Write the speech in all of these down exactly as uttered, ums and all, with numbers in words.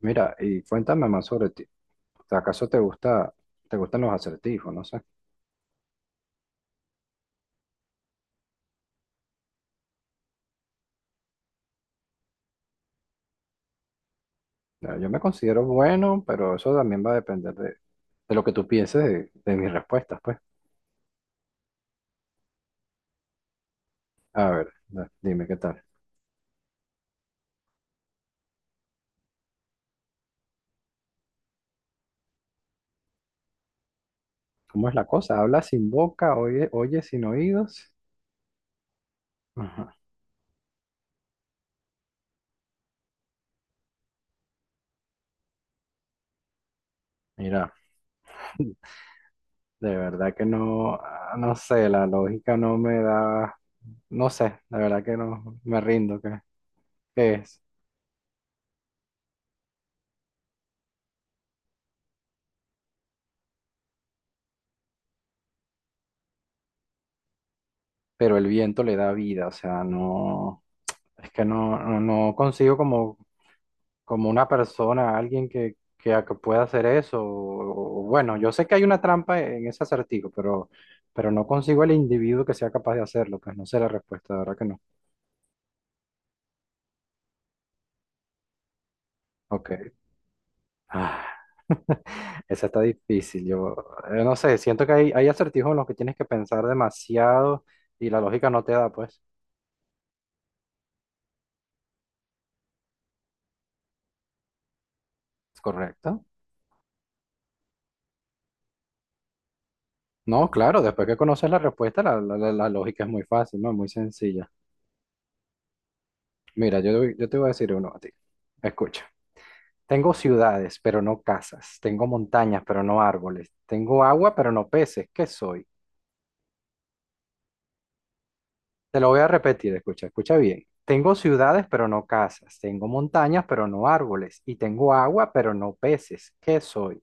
Mira, y cuéntame más sobre ti. ¿Acaso te gusta, te gustan los acertijos? No sé. Ya, yo me considero bueno, pero eso también va a depender de, de lo que tú pienses de, de mis respuestas, pues. A ver, da- dime qué tal. ¿Cómo es la cosa? ¿Habla sin boca? ¿Oye, oye sin oídos? Ajá. Mira, de verdad que no, ah, no sé, la lógica no me da, no sé, la verdad que no, me rindo, ¿qué, ¿qué es? Pero el viento le da vida, o sea, no, es que no, no, no consigo como como una persona, alguien que, que, a- que pueda hacer eso. O- o bueno, yo sé que hay una trampa en ese acertijo, pero, pero no consigo el individuo que sea capaz de hacerlo, pues no sé la respuesta, de verdad que no. Ok. Ah, esa está difícil. Yo, eh, no sé, siento que hay, hay acertijos en los que tienes que pensar demasiado y la lógica no te da, pues. ¿Es correcto? No, claro, después que conoces la respuesta, la, la- la- la lógica es muy fácil, ¿no? Muy sencilla. Mira, yo, yo te voy a decir uno a ti. Escucha. Tengo ciudades, pero no casas. Tengo montañas, pero no árboles. Tengo agua, pero no peces. ¿Qué soy? Te lo voy a repetir, escucha, escucha bien. Tengo ciudades, pero no casas. Tengo montañas, pero no árboles. Y tengo agua, pero no peces. ¿Qué soy?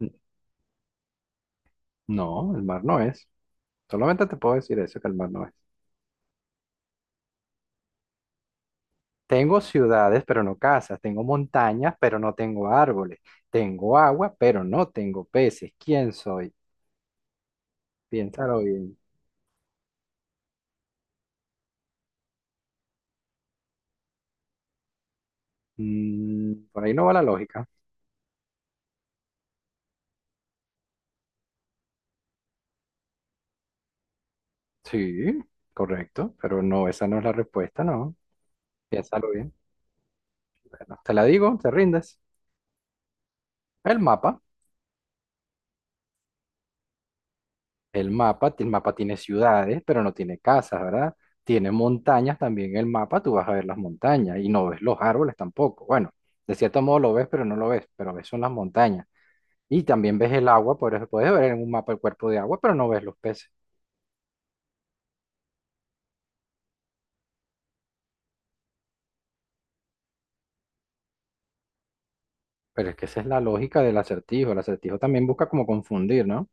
N- No, el mar no es. Solamente te puedo decir eso, que el mar no es. Tengo ciudades, pero no casas. Tengo montañas, pero no tengo árboles. Tengo agua, pero no tengo peces. ¿Quién soy? Piénsalo bien. Mm, por ahí no va la lógica. Sí, correcto, pero no, esa no es la respuesta, no. Piénsalo bien. Bueno, te la digo, te rindes. El mapa, el mapa, el mapa tiene ciudades, pero no tiene casas, ¿verdad? Tiene montañas también el mapa, tú vas a ver las montañas y no ves los árboles tampoco. Bueno, de cierto modo lo ves, pero no lo ves, pero ves son las montañas. Y también ves el agua, por eso puedes ver en un mapa el cuerpo de agua, pero no ves los peces. Pero es que esa es la lógica del acertijo. El acertijo también busca como confundir, ¿no?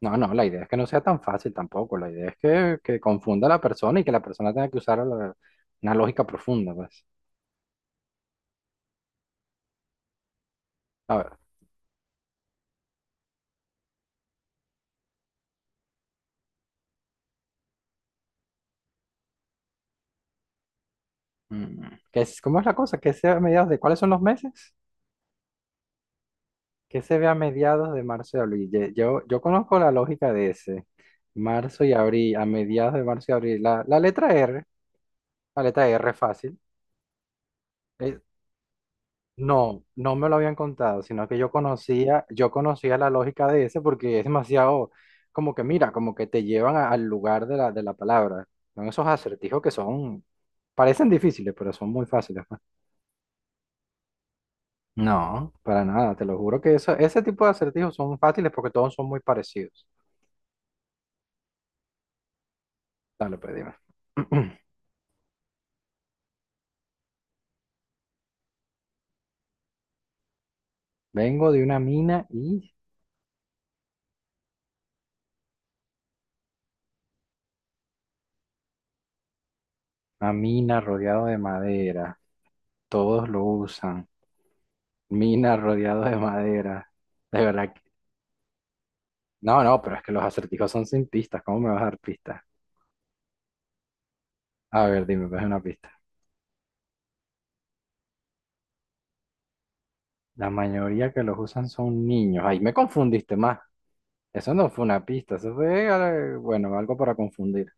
No, no, la idea es que no sea tan fácil tampoco. La idea es que, que confunda a la persona y que la persona tenga que usar la- una lógica profunda, pues. A ver, mm, ¿qué es, cómo es la cosa? ¿Qué se ve a mediados de cuáles son los meses? ¿Qué se ve a mediados de marzo y abril? Ye- Yo, yo conozco la lógica de ese. Marzo y abril, a mediados de marzo y abril. La, la letra erre, la letra R fácil. Eh, No, no me lo habían contado, sino que yo conocía, yo conocía la lógica de ese porque es demasiado, como que mira, como que te llevan a- al lugar de la, de la palabra. Son esos acertijos que son, parecen difíciles, pero son muy fáciles, ¿no? No, para nada, te lo juro que eso, ese tipo de acertijos son fáciles porque todos son muy parecidos. Dale, pues dime. Vengo de una mina y una mina rodeado de madera. Todos lo usan. Mina rodeado de madera. De verdad. No, no, pero es que los acertijos son sin pistas. ¿Cómo me vas a dar pistas? A ver, dime, pues una pista. La mayoría que los usan son niños. Ahí me confundiste más. Eso no fue una pista, eso fue, eh, bueno, algo para confundir.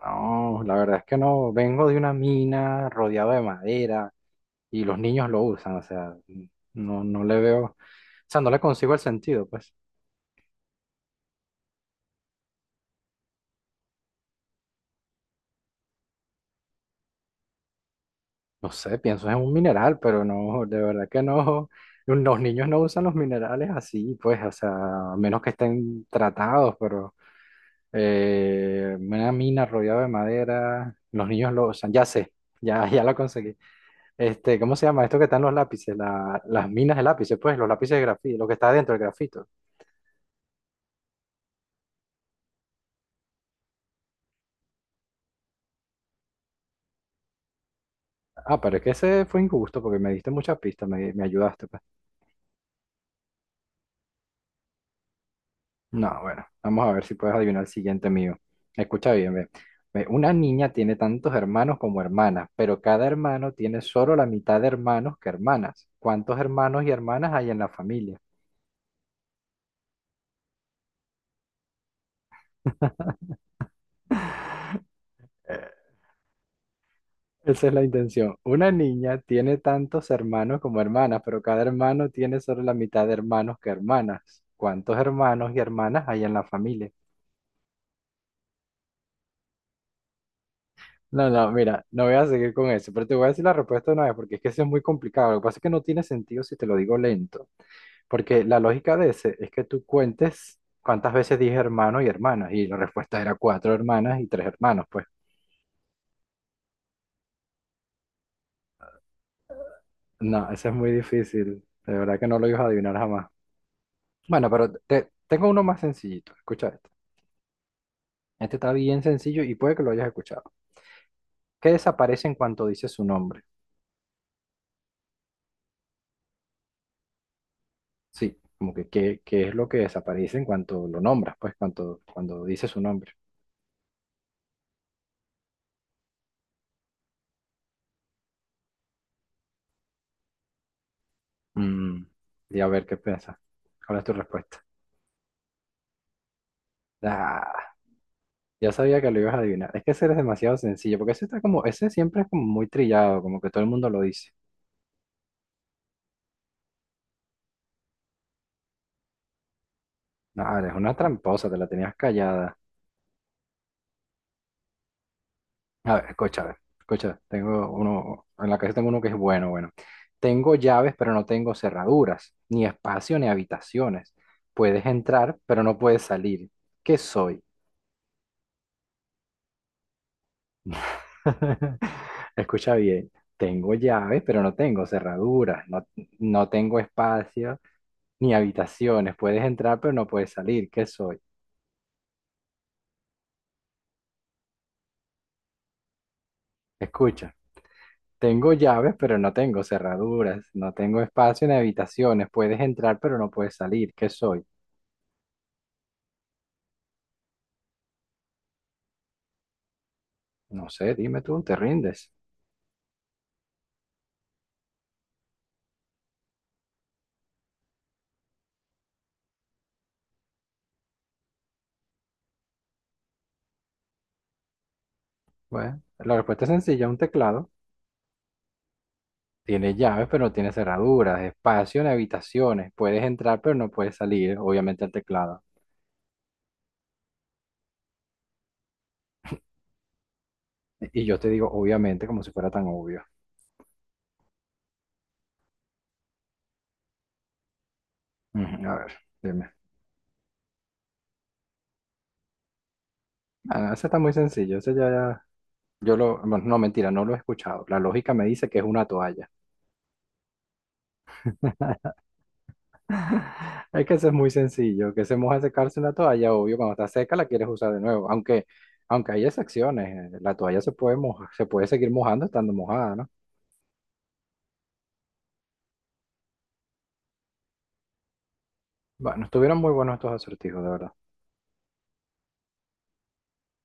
No, la verdad es que no. Vengo de una mina rodeado de madera y los niños lo usan. O sea, no, no le veo, o sea, no le consigo el sentido, pues. No sé, pienso en un mineral, pero no, de verdad que no. Los niños no usan los minerales así, pues, o sea, a menos que estén tratados, pero... eh, una mina rodeada de madera. Los niños lo usan. Ya sé, ya, ya la conseguí. Este, ¿cómo se llama? Esto que están los lápices, la- las minas de lápices, pues, los lápices de grafito, lo que está dentro del grafito. Ah, pero es que ese fue injusto porque me diste muchas pistas, me, me ayudaste, pues. No, bueno, vamos a ver si puedes adivinar el siguiente mío. Escucha bien, ve. Ve, una niña tiene tantos hermanos como hermanas, pero cada hermano tiene solo la mitad de hermanos que hermanas. ¿Cuántos hermanos y hermanas hay en la familia? Esa es la intención. Una niña tiene tantos hermanos como hermanas, pero cada hermano tiene solo la mitad de hermanos que hermanas. ¿Cuántos hermanos y hermanas hay en la familia? No, no, mira, no voy a seguir con eso, pero te voy a decir la respuesta de una vez porque es que eso es muy complicado. Lo que pasa es que no tiene sentido si te lo digo lento, porque la lógica de ese es que tú cuentes cuántas veces dije hermano y hermanas, y la respuesta era cuatro hermanas y tres hermanos, pues. No, eso es muy difícil. De verdad que no lo ibas a adivinar jamás. Bueno, pero te, tengo uno más sencillito. Escucha. Este está bien sencillo y puede que lo hayas escuchado. ¿Qué desaparece en cuanto dice su nombre? Sí, como que qué, qué es lo que desaparece en cuanto lo nombras, pues cuanto, cuando dice su nombre. Mm, y a ver qué piensas. ¿Cuál es tu respuesta? Ah, ya sabía que lo ibas a adivinar. Es que ese es demasiado sencillo, porque ese está como, ese siempre es como muy trillado, como que todo el mundo lo dice. No, eres una tramposa, te la tenías callada. A ver, escucha, a ver, escucha, tengo uno, en la casa tengo uno que es bueno, bueno. Tengo llaves, pero no tengo cerraduras, ni espacio ni habitaciones. Puedes entrar, pero no puedes salir. ¿Qué soy? Escucha bien, tengo llaves, pero no tengo cerraduras, no, no tengo espacio ni habitaciones. Puedes entrar, pero no puedes salir. ¿Qué soy? Escucha, tengo llaves, pero no tengo cerraduras, no tengo espacio ni habitaciones. Puedes entrar, pero no puedes salir. ¿Qué soy? No sé, dime tú, ¿te rindes? Bueno, la respuesta es sencilla, un teclado. Tiene llaves, pero no tiene cerraduras, espacio en habitaciones. Puedes entrar, pero no puedes salir, obviamente, al teclado. Y yo te digo, obviamente, como si fuera tan obvio. Ujú. A ver, dime. Ah, no, ese está muy sencillo, ese ya, ya- yo lo... bueno, no, mentira, no lo he escuchado. La lógica me dice que es una toalla. Es que eso es muy sencillo, que se moja secarse una toalla, obvio, cuando está seca la quieres usar de nuevo, aunque, aunque hay excepciones, eh, la toalla se puede moja- se puede seguir mojando estando mojada, ¿no? Bueno, estuvieron muy buenos estos acertijos, de verdad.